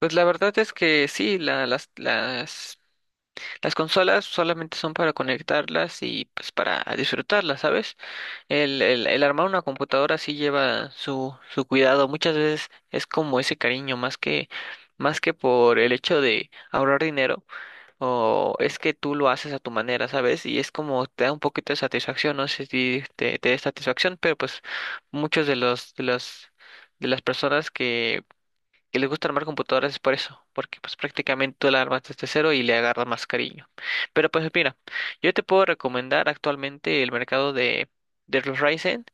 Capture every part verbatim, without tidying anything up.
Pues la verdad es que sí, la- las, las, las consolas solamente son para conectarlas y pues para disfrutarlas, ¿sabes? El, el, el armar una computadora sí lleva su, su cuidado. Muchas veces es como ese cariño, más que, más que por el hecho de ahorrar dinero, o es que tú lo haces a tu manera, ¿sabes? Y es como te da un poquito de satisfacción, no sé si te, te da satisfacción, pero pues muchos de los, de los, de las personas que que les gusta armar computadoras es por eso, porque pues prácticamente tú la armas desde cero y le agarras más cariño. Pero pues mira, yo te puedo recomendar actualmente el mercado de, de los Ryzen.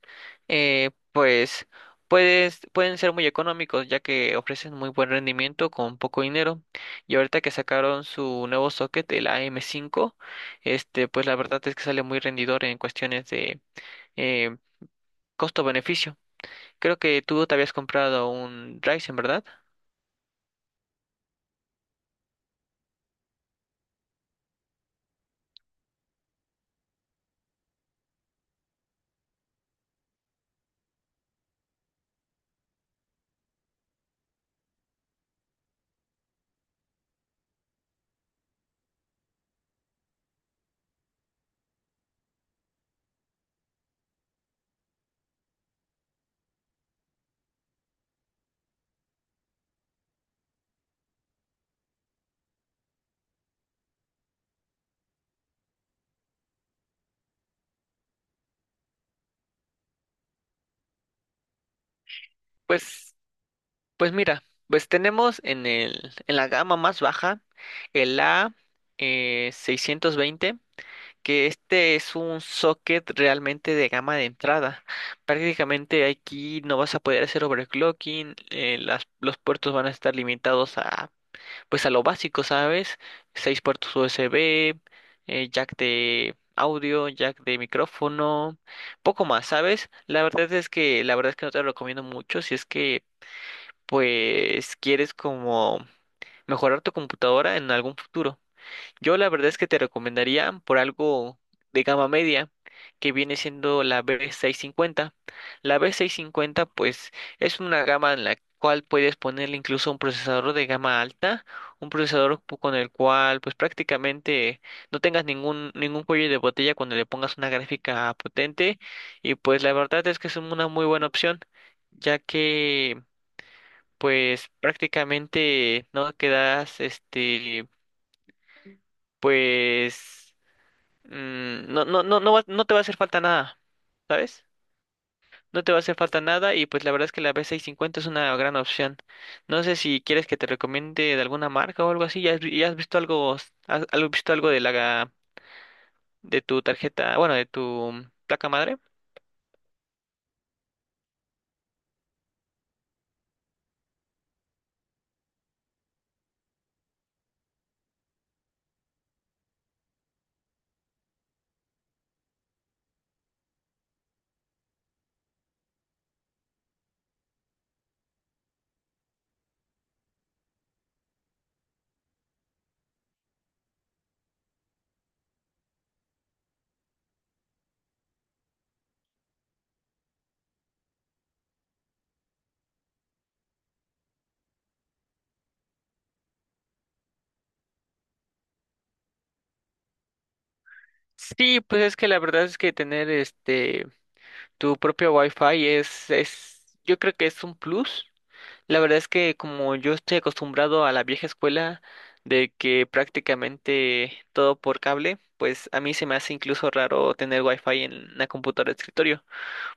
eh, pues puedes, Pueden ser muy económicos ya que ofrecen muy buen rendimiento con poco dinero. Y ahorita que sacaron su nuevo socket, el A M cinco. Este, pues la verdad es que sale muy rendidor en cuestiones de eh, costo-beneficio. Creo que tú te habías comprado un Ryzen, ¿verdad? Pues Pues mira, pues tenemos en el, en la gama más baja el A seiscientos veinte, que este es un socket realmente de gama de entrada. Prácticamente aquí no vas a poder hacer overclocking. Eh, las- los puertos van a estar limitados a, pues a lo básico, ¿sabes? Seis puertos U S B, eh, jack de audio, jack de micrófono, poco más, ¿sabes? La verdad es que, la verdad es que no te lo recomiendo mucho si es que pues quieres como mejorar tu computadora en algún futuro. Yo la verdad es que te recomendaría por algo de gama media, que viene siendo la B seiscientos cincuenta. La B seiscientos cincuenta pues es una gama en la cual puedes ponerle incluso un procesador de gama alta, un procesador pu- con el cual pues prácticamente no tengas ningún ningún cuello de botella cuando le pongas una gráfica potente, y pues la verdad es que es una muy buena opción, ya que pues prácticamente no quedas, este, pues, mm, no, no, no, no, va- no te va a hacer falta nada, ¿sabes? No te va a hacer falta nada, y pues la verdad es que la B seiscientos cincuenta es una gran opción. No sé si quieres que te recomiende de alguna marca o algo así. ¿Ya has, vi- ya has visto algo, has, algo- visto algo de la, de tu tarjeta, bueno, de tu placa madre? Sí, pues es que la verdad es que tener este tu propio Wi-Fi es es yo creo que es un plus. La verdad es que como yo estoy acostumbrado a la vieja escuela de que prácticamente todo por cable, pues a mí se me hace incluso raro tener wifi en la computadora de escritorio,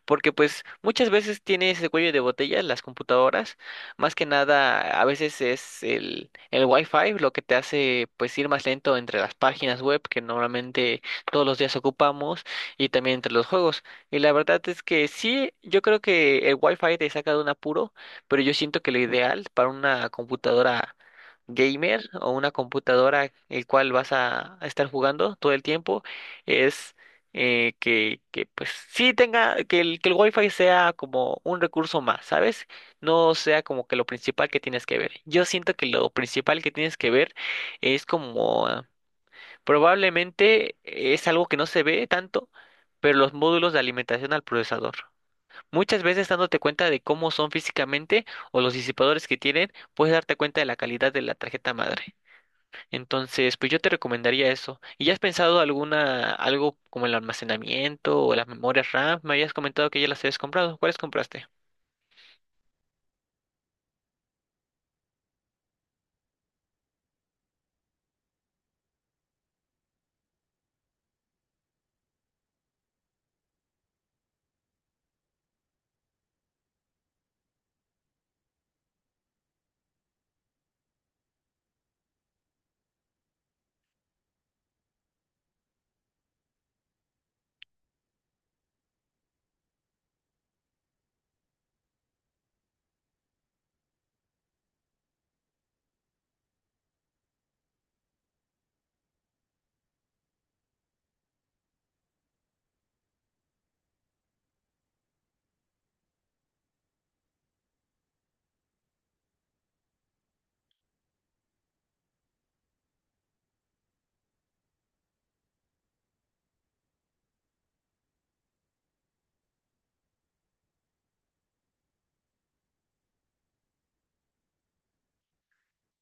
porque pues muchas veces tiene ese cuello de botella las computadoras, más que nada a veces es el, el Wi-Fi lo que te hace pues ir más lento entre las páginas web que normalmente todos los días ocupamos, y también entre los juegos. Y la verdad es que sí, yo creo que el Wi-Fi te saca de un apuro, pero yo siento que lo ideal para una computadora gamer o una computadora el cual vas a a estar jugando todo el tiempo es eh, que, que pues sí tenga, que el, que el Wi-Fi sea como un recurso más, ¿sabes? No sea como que lo principal que tienes que ver. Yo siento que lo principal que tienes que ver es como ah, probablemente es algo que no se ve tanto, pero los módulos de alimentación al procesador. Muchas veces dándote cuenta de cómo son físicamente o los disipadores que tienen, puedes darte cuenta de la calidad de la tarjeta madre. Entonces, pues yo te recomendaría eso. ¿Y ya has pensado alguna, algo como el almacenamiento o las memorias RAM? Me habías comentado que ya las habías comprado. ¿Cuáles compraste?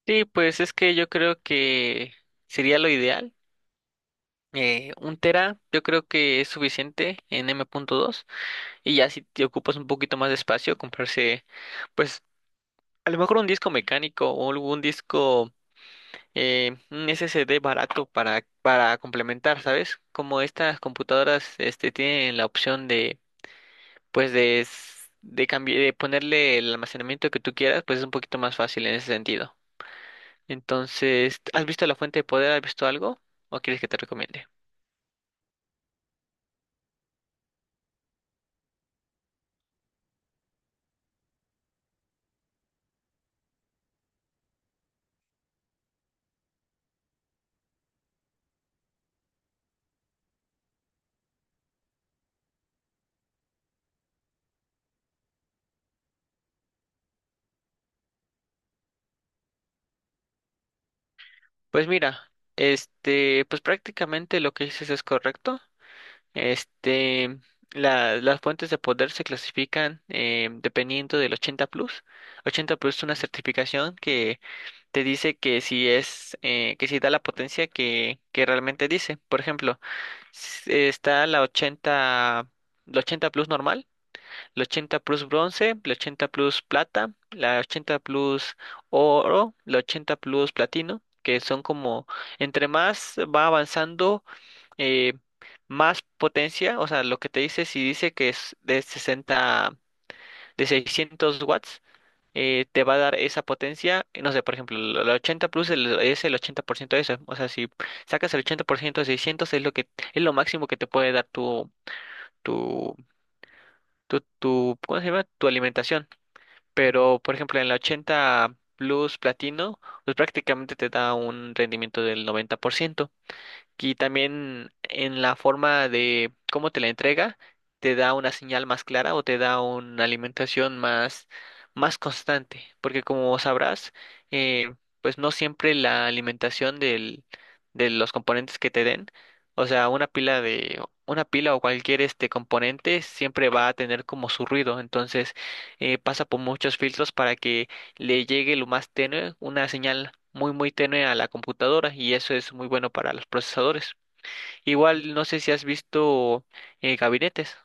Sí, pues es que yo creo que sería lo ideal. Eh, un tera yo creo que es suficiente en M punto dos, y ya si te ocupas un poquito más de espacio, comprarse pues a lo mejor un disco mecánico o algún disco, eh, un S S D barato para, para complementar, ¿sabes? Como estas computadoras este, tienen la opción de, pues de, s- de, cambi- de ponerle el almacenamiento que tú quieras, pues es un poquito más fácil en ese sentido. Entonces, ¿has visto la fuente de poder? ¿Has visto algo? ¿O quieres que te recomiende? Pues mira, este, pues prácticamente lo que dices es correcto. Este, la- las fuentes de poder se clasifican eh, dependiendo del ochenta plus. ochenta plus es una certificación, te dice que si es, eh, que si da la potencia que, que realmente dice. Por ejemplo, s- eh, está la ochenta, la ochenta plus normal, la ochenta plus bronce, la ochenta plus plata, la ochenta plus oro, la ochenta plus platino, que son como, entre más va avanzando, eh, más potencia. O sea, lo que te dice, si dice que es de sesenta, de seiscientos watts, eh, te va a dar esa potencia. Eh, no sé, por ejemplo, el el ochenta plus el- es el ochenta por ciento de eso. O sea, si sacas el ochenta por ciento de seiscientos es lo que es lo máximo que te puede dar tu tu tu, tu, ¿cómo se llama?, tu alimentación. Pero por ejemplo, en la ochenta plus platino, pues prácticamente te da un rendimiento del noventa por ciento. Y también en la forma de cómo te la entrega, te da una señal más clara o te da una alimentación más, más constante. Porque como sabrás, eh, pues no siempre la alimentación del, de los componentes que te den, o sea, una pila de, una pila o cualquier este componente siempre va a tener como su ruido. Entonces, eh, pasa por muchos filtros para que le llegue lo más tenue, una señal muy muy tenue a la computadora, y eso es muy bueno para los procesadores. Igual no sé si has visto eh, gabinetes,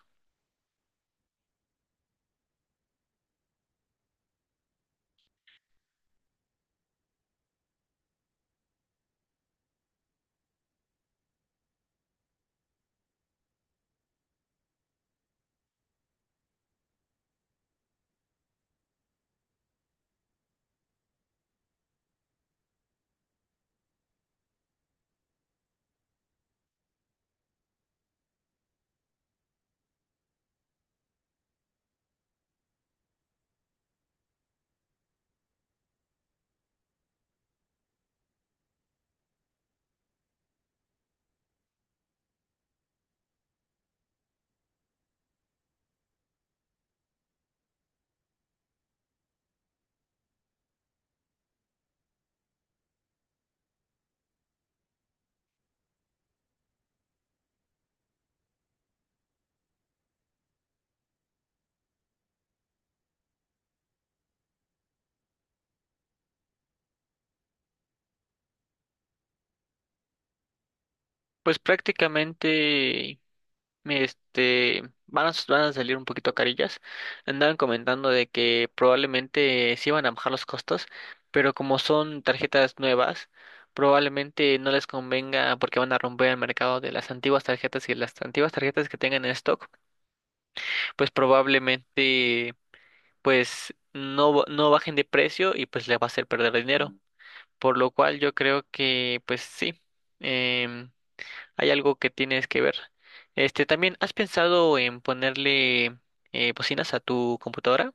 pues prácticamente este van a, van a salir un poquito carillas. Andaban comentando de que probablemente sí van a bajar los costos, pero como son tarjetas nuevas, probablemente no les convenga porque van a romper el mercado de las antiguas tarjetas y las antiguas tarjetas que tengan en stock, pues probablemente pues no, ba- no bajen de precio, y pues le va a hacer perder dinero. Por lo cual yo creo que pues sí, em, hay algo que tienes que ver. Este, también, ¿has pensado en ponerle eh, bocinas a tu computadora?